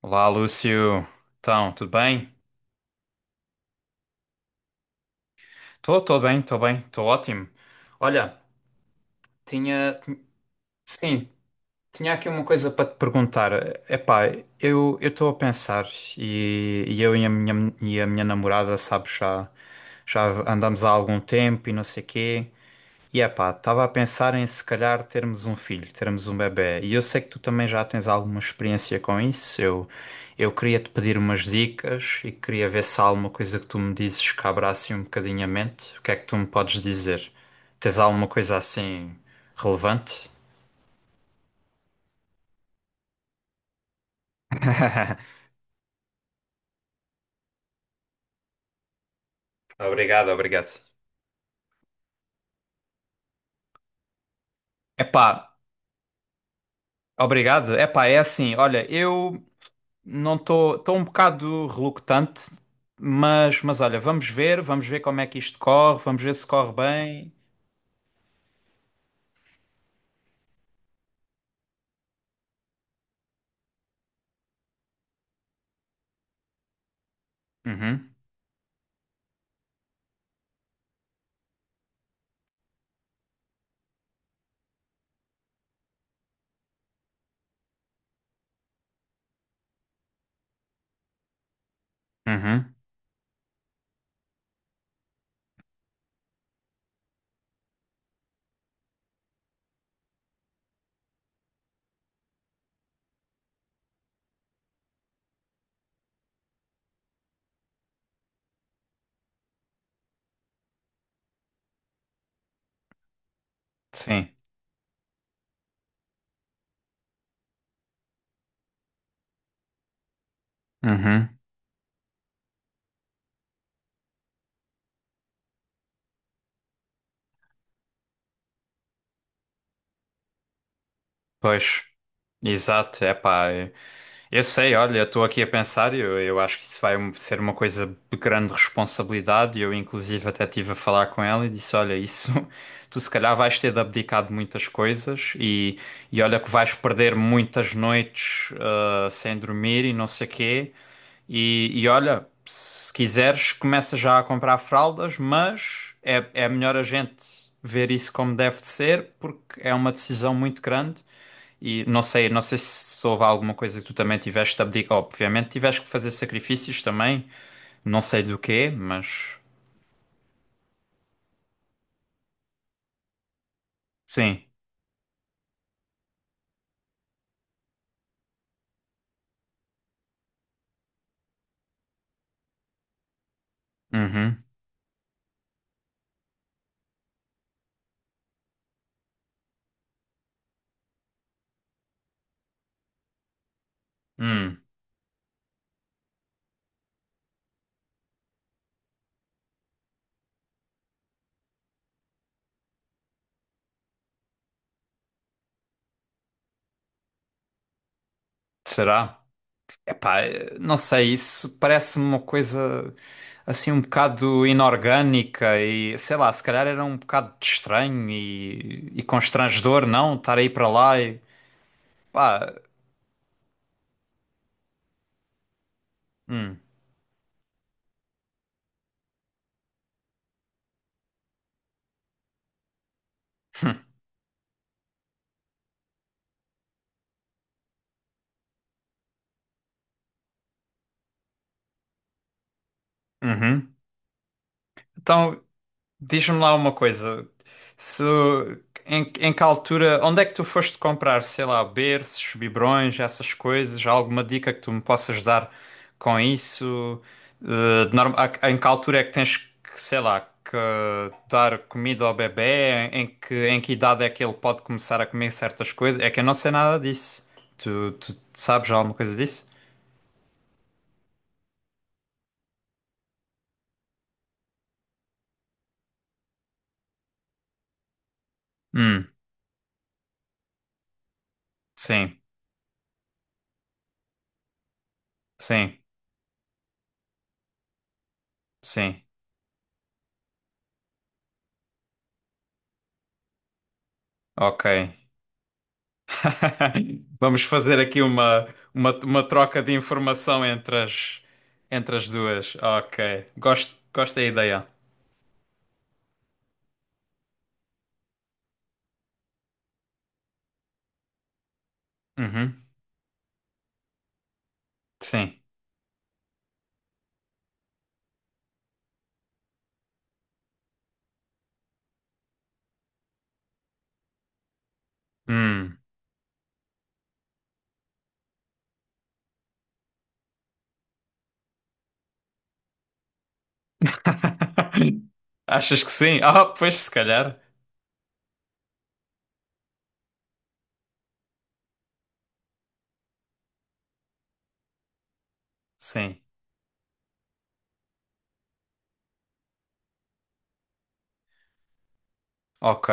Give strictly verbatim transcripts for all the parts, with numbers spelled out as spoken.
Olá, Lúcio. Então, tudo bem? Estou, estou bem, estou bem, estou ótimo. Olha, tinha, ti- sim, tinha aqui uma coisa para te perguntar. Epá, eu eu estou a pensar e, e eu e a minha e a minha namorada, sabes, já já andamos há algum tempo e não sei quê. E é pá, estava a pensar em se calhar termos um filho, termos um bebé. E eu sei que tu também já tens alguma experiência com isso. Eu, eu queria te pedir umas dicas e queria ver se há alguma coisa que tu me dizes que abra assim um bocadinho a mente. O que é que tu me podes dizer? Tens alguma coisa assim relevante? Obrigado, obrigado. Epá, obrigado. Epá, é assim, olha, eu não estou, estou um bocado relutante, mas, mas olha, vamos ver, vamos ver como é que isto corre, vamos ver se corre bem. Uhum, uhum, sim, uhum, pois, exato, é pá, eu eu sei, olha, estou aqui a pensar, eu, eu acho que isso vai um, ser uma coisa de grande responsabilidade, eu inclusive até estive a falar com ela e disse, olha, isso, tu se calhar vais ter de abdicar de muitas coisas e, e olha que vais perder muitas noites ah, sem dormir e não sei quê. E, e olha, se quiseres, começa já a comprar fraldas, mas é, é melhor a gente ver isso como deve de ser, porque é uma decisão muito grande. E não sei, não sei se houve alguma coisa que tu também tiveste de abdicar. Obviamente, tiveste que fazer sacrifícios também, não sei do quê, mas sim. Uhum. Hum. Será? Epá, não sei, isso parece-me uma coisa assim um bocado inorgânica e sei lá, se calhar era um bocado de estranho e, e constrangedor, não? Estar aí para lá e pá, hum, uhum. Então diz-me lá uma coisa. Se, em, em que altura, onde é que tu foste comprar, sei lá, berços, biberões, essas coisas? Há alguma dica que tu me possas dar com isso? Eh, de norma- a- em que altura é que tens que, sei lá, que dar comida ao bebé? Em, em que, em que idade é que ele pode começar a comer certas coisas? É que eu não sei nada disso. Tu, tu sabes alguma coisa disso? Hum, sim, sim, sim. Ok. Vamos fazer aqui uma, uma, uma troca de informação entre as, entre as duas. Ok. Gosto, gosto da ideia. Uhum. Sim. Hum. Achas que sim? Ah, pois se calhar. Sim. Ok.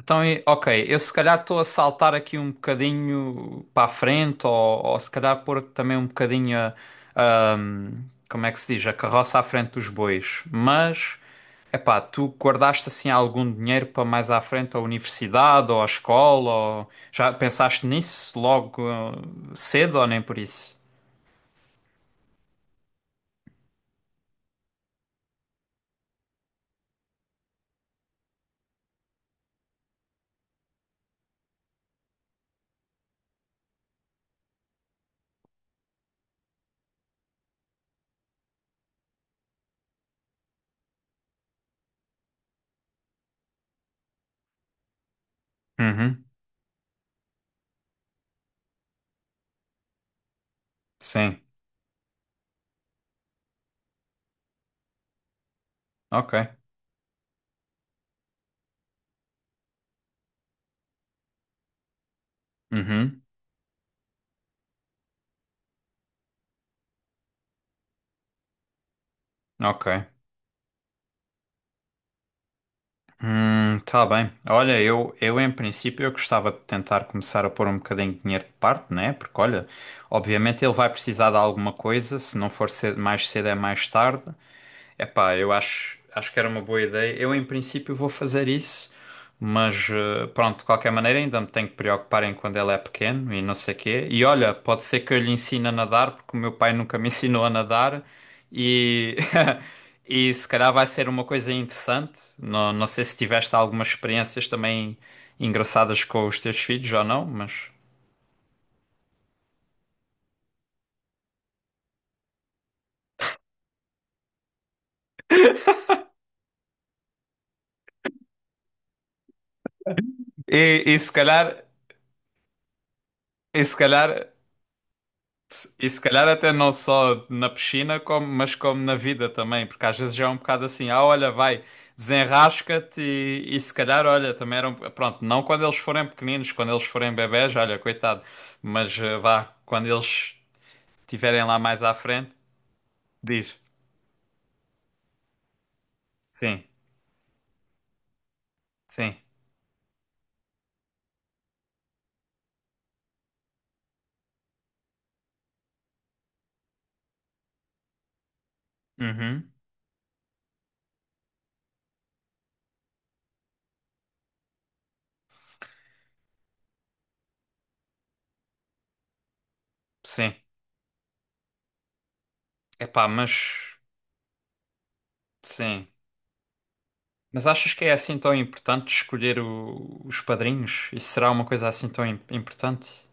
Então, e- ok, eu se calhar estou a saltar aqui um bocadinho para a frente, ou, ou se calhar pôr também um bocadinho a, a- hum, como é que se diz, a carroça à frente dos bois. Mas, epá, tu guardaste assim algum dinheiro para mais à frente à universidade ou à escola? Ou. Já pensaste nisso logo eh, cedo ou nem por isso? Uhum, sim, ok. Uhum, ok. Hum, tá bem. Olha, eu, eu em princípio eu gostava de tentar começar a pôr um bocadinho de dinheiro de parte, né? Porque olha, obviamente ele vai precisar de alguma coisa, se não for cedo, mais cedo é mais tarde. Epá, eu acho, acho que era uma boa ideia. Eu, em princípio, vou fazer isso, mas eh, pronto, de qualquer maneira, ainda me tenho que preocupar em quando ele é pequeno e não sei quê. E olha, pode ser que eu lhe ensine a nadar, porque o meu pai nunca me ensinou a nadar e, e se calhar vai ser uma coisa interessante. Não, não sei se tiveste algumas experiências também engraçadas com os teus filhos ou não, mas. E, e se calhar, e se calhar. E se calhar até não só na piscina, como, mas como na vida também, porque às vezes já é um bocado assim, ah, olha, vai, desenrasca-te e, e se calhar, olha, também eram, pronto, não quando eles forem pequeninos, quando eles forem bebés, olha, coitado, mas eh, vá, quando eles estiverem lá mais à frente, diz, sim, sim, uhum, sim, epá, mas, sim. Mas achas que é assim tão importante escolher o- os padrinhos? Isso será uma coisa assim tão im- importante?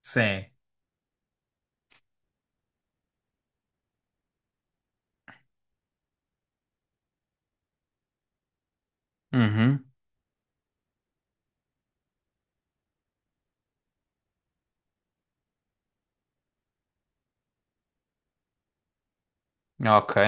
Sim. Uhum. Ok.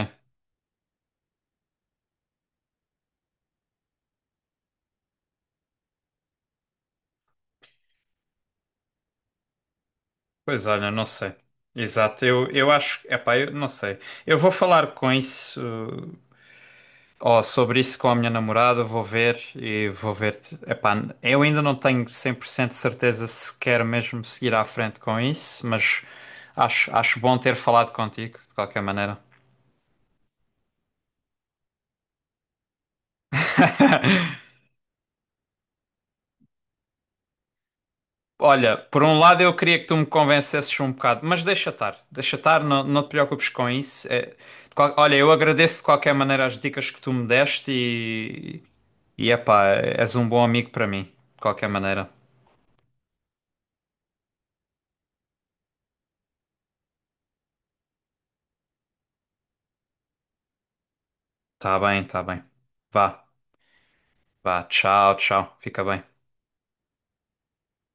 Pois olha, não sei. Exato, eu, eu acho, epá, eu não sei. Eu vou falar com isso, ó, sobre isso com a minha namorada, vou ver e vou ver. Epá, eu ainda não tenho cem por cento de certeza se quero mesmo seguir à frente com isso, mas acho, acho bom ter falado contigo, de qualquer maneira. Olha, por um lado eu queria que tu me convencesses um bocado, mas deixa estar, deixa estar, não, não te preocupes com isso. É, de qual- olha, eu agradeço de qualquer maneira as dicas que tu me deste e, e epá, és um bom amigo para mim, de qualquer maneira. Tá bem, tá bem. Vá, vá, tchau, tchau, fica bem.